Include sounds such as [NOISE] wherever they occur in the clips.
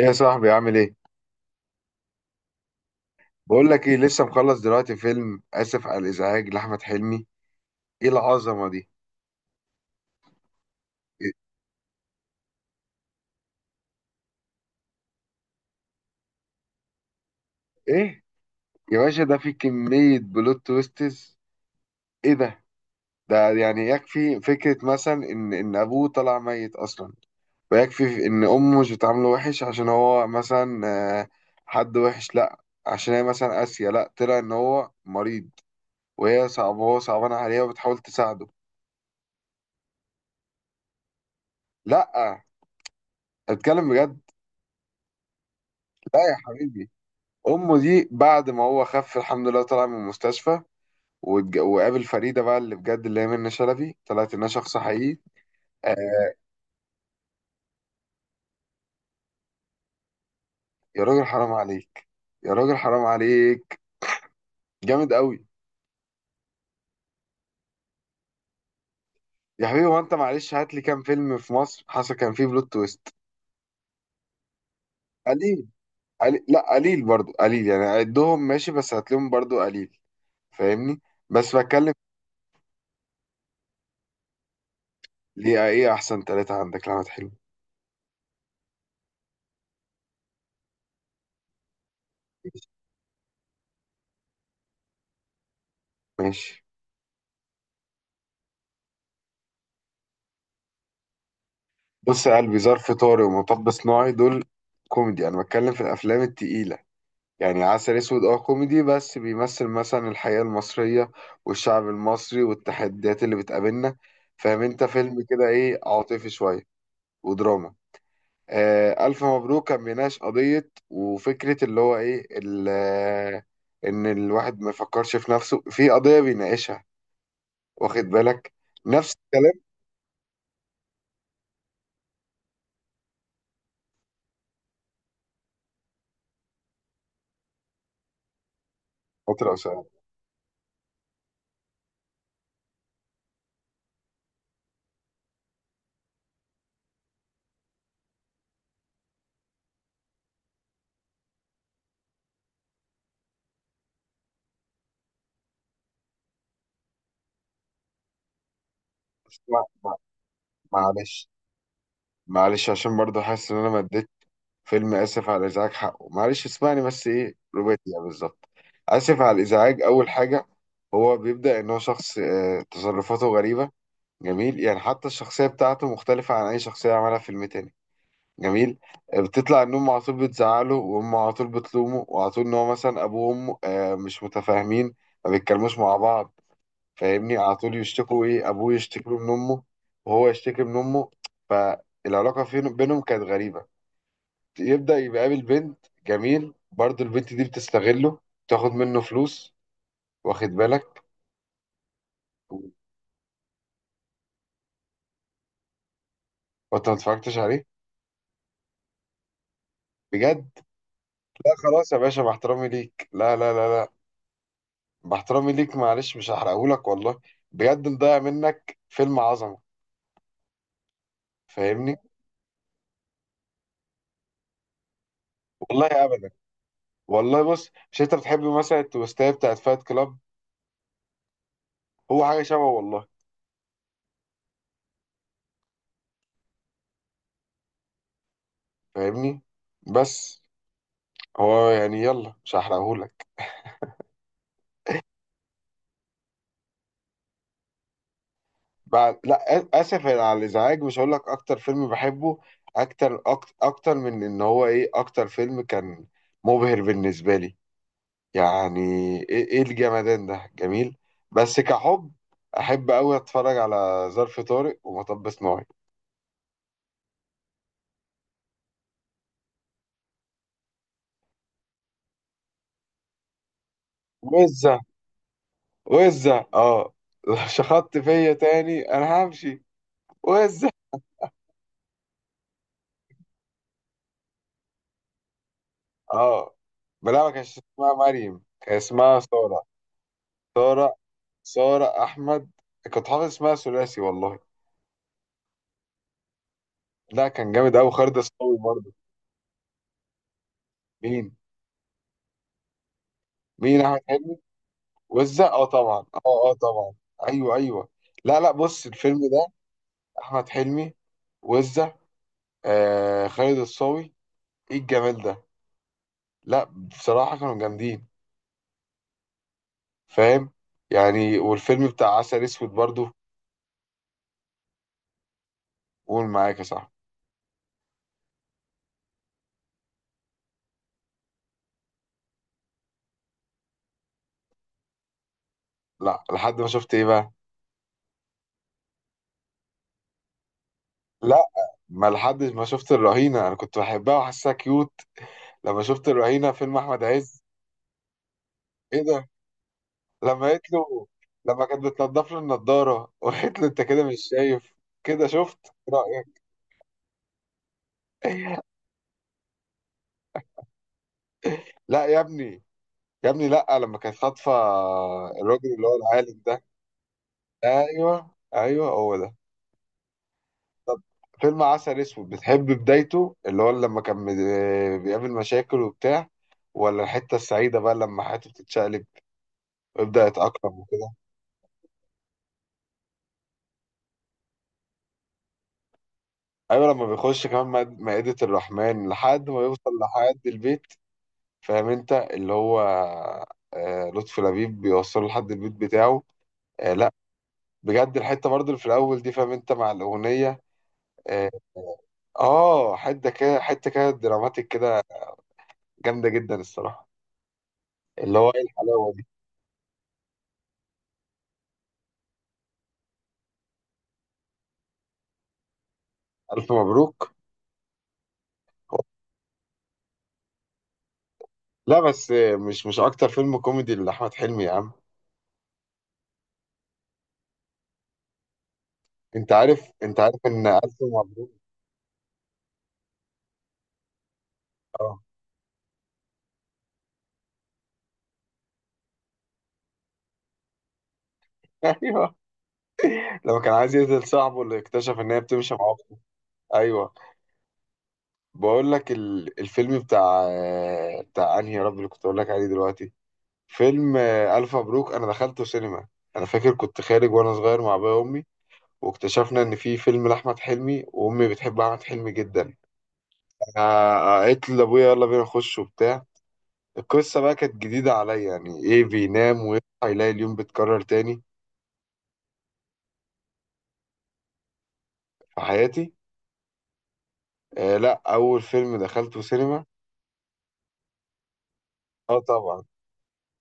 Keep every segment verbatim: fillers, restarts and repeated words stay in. إيه يا صاحبي؟ عامل ايه؟ بقول لك ايه، لسه مخلص دلوقتي فيلم اسف على الازعاج لاحمد حلمي. ايه العظمه دي؟ ايه؟ إيه؟ يا باشا ده فيه كميه بلوت تويستز. ايه ده؟ ده يعني يكفي فكره مثلا ان ان ابوه طلع ميت اصلا، ويكفي ان امه مش بتعامله وحش عشان هو مثلا، آه، حد وحش؟ لا. عشان هي مثلا قاسيه؟ لا، طلع ان هو مريض وهي صعب وهو صعبان عليها وبتحاول تساعده. لا، اتكلم بجد. لا يا حبيبي، امه دي بعد ما هو خف الحمد لله طلع من المستشفى واتج- وقابل فريده بقى، اللي بجد اللي هي منة شلبي طلعت انها شخص حقيقي. آه، يا راجل حرام عليك، يا راجل حرام عليك، جامد قوي. يا حبيبي هو انت معلش هات لي كام فيلم في مصر حصل كان فيه بلوت تويست؟ قليل. قليل؟ لا قليل برضو، قليل يعني، عدهم ماشي، بس هات لهم برضو قليل. فاهمني؟ بس بتكلم. ليه، ايه احسن ثلاثة عندك لأحمد حلمي؟ ماشي. بص يا قلبي، ظرف طارق ومطب صناعي دول كوميدي، انا بتكلم في الافلام التقيله. يعني عسل اسود اه كوميدي، بس بيمثل مثلا الحياه المصريه والشعب المصري والتحديات اللي بتقابلنا. فاهم انت؟ فيلم كده ايه، عاطفي شويه ودراما. آه الف مبروك كان بيناقش قضيه وفكره، اللي هو ايه ال- آه، ان الواحد ما يفكرش في نفسه، في قضيه بيناقشها، واخد بالك؟ نفس الكلام. فتره اسامه. اسمع اسمع، معلش، معلش عشان برضو حاسس ان انا ما اديت فيلم اسف على الازعاج حقه، معلش اسمعني بس، ايه رباعية. بالظبط. اسف على الازعاج، اول حاجه هو بيبدا ان هو شخص آه، تصرفاته غريبه، جميل. يعني حتى الشخصيه بتاعته مختلفه عن اي شخصيه عملها في فيلم تاني، جميل. آه، بتطلع ان امه على طول بتزعله، وامه على طول بتلومه، وعلى طول ان هو مثلا ابوه وامه آه، مش متفاهمين، ما بيتكلموش مع بعض. فاهمني؟ على طول يشتكوا، ايه، ابوه يشتكي له من امه، وهو يشتكي من امه. فالعلاقه فين- بينهم كانت غريبه. يبدا يبقى قابل بنت جميل، برضه البنت دي بتستغله، تاخد منه فلوس، واخد بالك؟ وانت ما اتفرجتش عليه؟ بجد؟ لا خلاص يا باشا، باحترامي ليك، لا لا لا لا، باحترامي ليك معلش مش هحرقهولك والله، بجد مضيع منك فيلم عظمه. فاهمني؟ والله ابدا. والله بص، مش انت بتحب مثلا التويستايه بتاعت فايت كلاب؟ هو حاجه شبه والله. فاهمني؟ بس هو يعني يلا، مش هحرقهولك. بعد لا آ- اسف على الازعاج، مش هقول لك اكتر فيلم بحبه، اكتر، أكتر, اكتر من ان هو ايه، اكتر فيلم كان مبهر بالنسبه لي يعني، ايه, إيه الجمدان ده، جميل. بس كحب، احب قوي اتفرج على ظرف طارق ومطب صناعي. وزة. وزة اه. [LAUGHS] شخطت فيا تاني انا همشي. وزة اه. بلا، ما كانش اسمها مريم، كان اسمها سارة. سارة. سارة أحمد، كنت حافظ اسمها ثلاثي والله. لا كان جامد أوي، خالد الصاوي برضه. مين؟ مين أحمد حلمي؟ وزة، أه طبعا أه. أه طبعا. أيوه أيوه. لا لا، بص الفيلم ده أحمد حلمي، وزة، آه خالد الصاوي، إيه الجمال ده؟ لا بصراحة كانوا جامدين، فاهم؟ يعني والفيلم بتاع عسل أسود برضه. قول معاك يا صاحبي. لا لحد ما شفت إيه بقى؟ لا، ما لحد ما شفت الرهينة أنا كنت بحبها وحاسسها كيوت. لما شفت الرهينة فيلم أحمد عز. ايه ده؟ لما قالت له، لما كانت بتنضف له النضاره وقالت له انت كده مش شايف كده، شفت رايك؟ [LAUGHS] لا يا ابني، يا ابني لا، لما كانت خاطفه الراجل اللي هو العالم ده، ايوه ايوه هو ده. طب فيلم عسل اسود، بتحب بدايته اللي هو لما كان بي- بيقابل مشاكل وبتاع، ولا الحته السعيده بقى لما حياته بتتشقلب ويبدا يتاقلم وكده؟ ايوه لما بيخش كمان مائده مائدة الرحمن لحد ما يوصل لحد البيت. فاهم انت اللي هو، آه، لطفي لبيب بيوصله لحد البيت بتاعه. آه، لا بجد الحته برضه اللي في الاول دي، فاهم انت، مع الاغنيه اه. آه، حته كده، حته كده دراماتيك كده، جامده جدا الصراحه، اللي هو ايه الحلاوه دي. الف مبروك. لا بس آه، مش مش اكتر فيلم كوميدي لاحمد حلمي يا عم. انت عارف، انت عارف ان الف مبروك. اه. [LAUGHS] ايوه، لما كان عايز يقتل صاحبه اللي اكتشف ان هي بتمشي مع اخته. ايوه. بقول لك ال- الفيلم بتاع، بتاع انهي يا رب اللي كنت اقول لك عليه دلوقتي. فيلم آه، الف مبروك انا دخلته سينما. انا فاكر كنت خارج وانا صغير مع ابويا وامي، واكتشفنا ان في فيلم لاحمد حلمي وامي بتحب احمد حلمي جدا. آه، قالت لي لابويا يلا بينا نخش وبتاع. القصه بقى كانت جديده عليا، يعني ايه بينام ويصحى يلاقي اليوم بيتكرر تاني. في حياتي. آه لا، اول فيلم دخلته سينما. اه طبعا،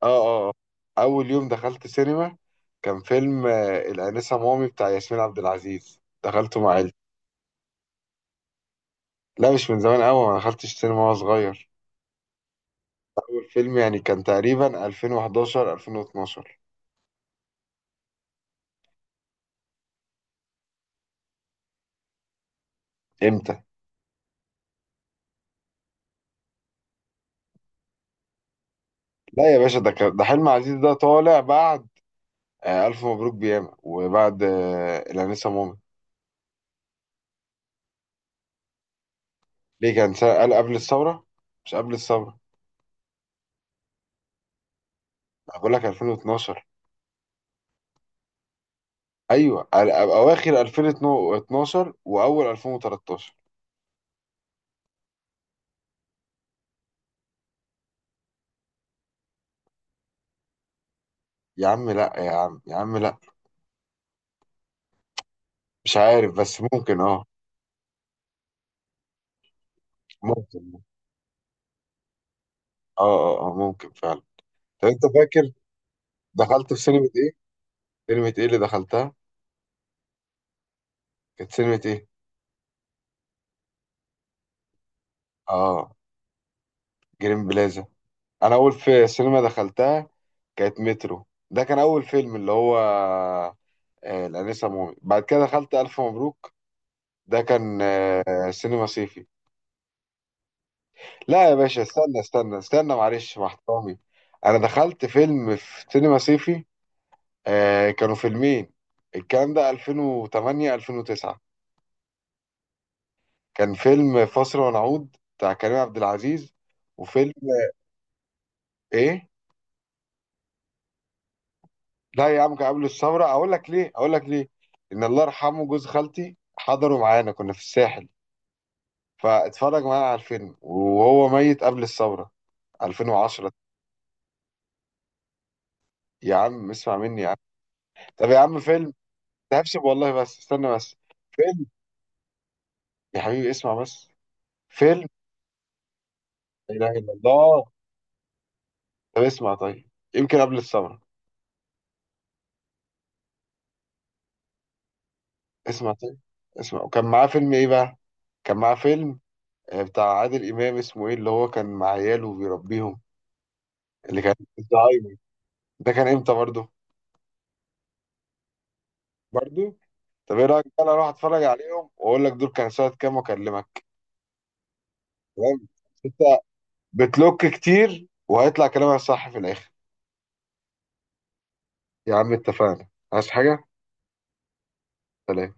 اه اه آه. اول يوم دخلت سينما كان فيلم آه، الانسه مامي بتاع ياسمين عبد العزيز، دخلته مع عيلتي. لا مش من زمان قوي، ما دخلتش سينما وانا صغير. اول فيلم يعني كان تقريبا ألفين وحداشر ألفين واتناشر. امتى؟ لا يا باشا، ده كان ده حلم عزيز ده طالع بعد آه، الف مبروك بياما، وبعد آه، الانسه مامي. ليه كان سنة قال قبل الثوره؟ مش قبل الثوره. أنا بقول لك ألفين واتناشر. ايوه على- اواخر ألفين واتناشر واول ألفين وتلتاشر. يا عم لا، يا عم يا عم لا، مش عارف بس ممكن اه. ممكن، اه اه اه ممكن فعلا. طب انت فاكر دخلت في سينما ايه؟ سينما ايه اللي دخلتها؟ كانت سينما ايه؟ اه جرين بلازا. انا اول في سينما دخلتها كانت مترو، ده كان اول فيلم، اللي هو آه الانسه مومي. بعد كده دخلت الف مبروك، ده كان آه سينما صيفي. لا يا باشا استنى استنى استنى، معلش مع احترامي، انا دخلت فيلم في سينما صيفي، آه كانوا فيلمين، الكلام ده ألفين وتمنية ألفين وتسعة. كان فيلم فاصل ونعود بتاع كريم عبد العزيز، وفيلم ايه. لا يا عم كان قبل الثوره، اقول لك ليه، اقول لك ليه. ان الله يرحمه جوز خالتي حضروا معانا كنا في الساحل، فاتفرج معانا على الفيلم وهو ميت قبل الثوره. ألفين وعشرة. يا عم اسمع مني يا عم. طب يا عم فيلم، ده هفسب والله بس استنى بس. فيلم، يا حبيبي اسمع بس. فيلم. لا اله الا الله. طب اسمع طيب، يمكن قبل الثوره. اسمع طيب، اسمع، وكان معاه فيلم ايه بقى. كان معاه فيلم آه، بتاع عادل إمام اسمه إيه اللي هو كان مع عياله وبيربيهم. اللي كان الزهايمر، ده كان إمتى برضه؟ برضه؟ طب إيه رأيك بقى أروح أتفرج عليهم وأقول لك دول كان سنة كام وأكلمك. تمام؟ أنت بتلوك كتير وهيطلع كلامك صح في الآخر. يا عم اتفقنا. عايز حاجة؟ سلام.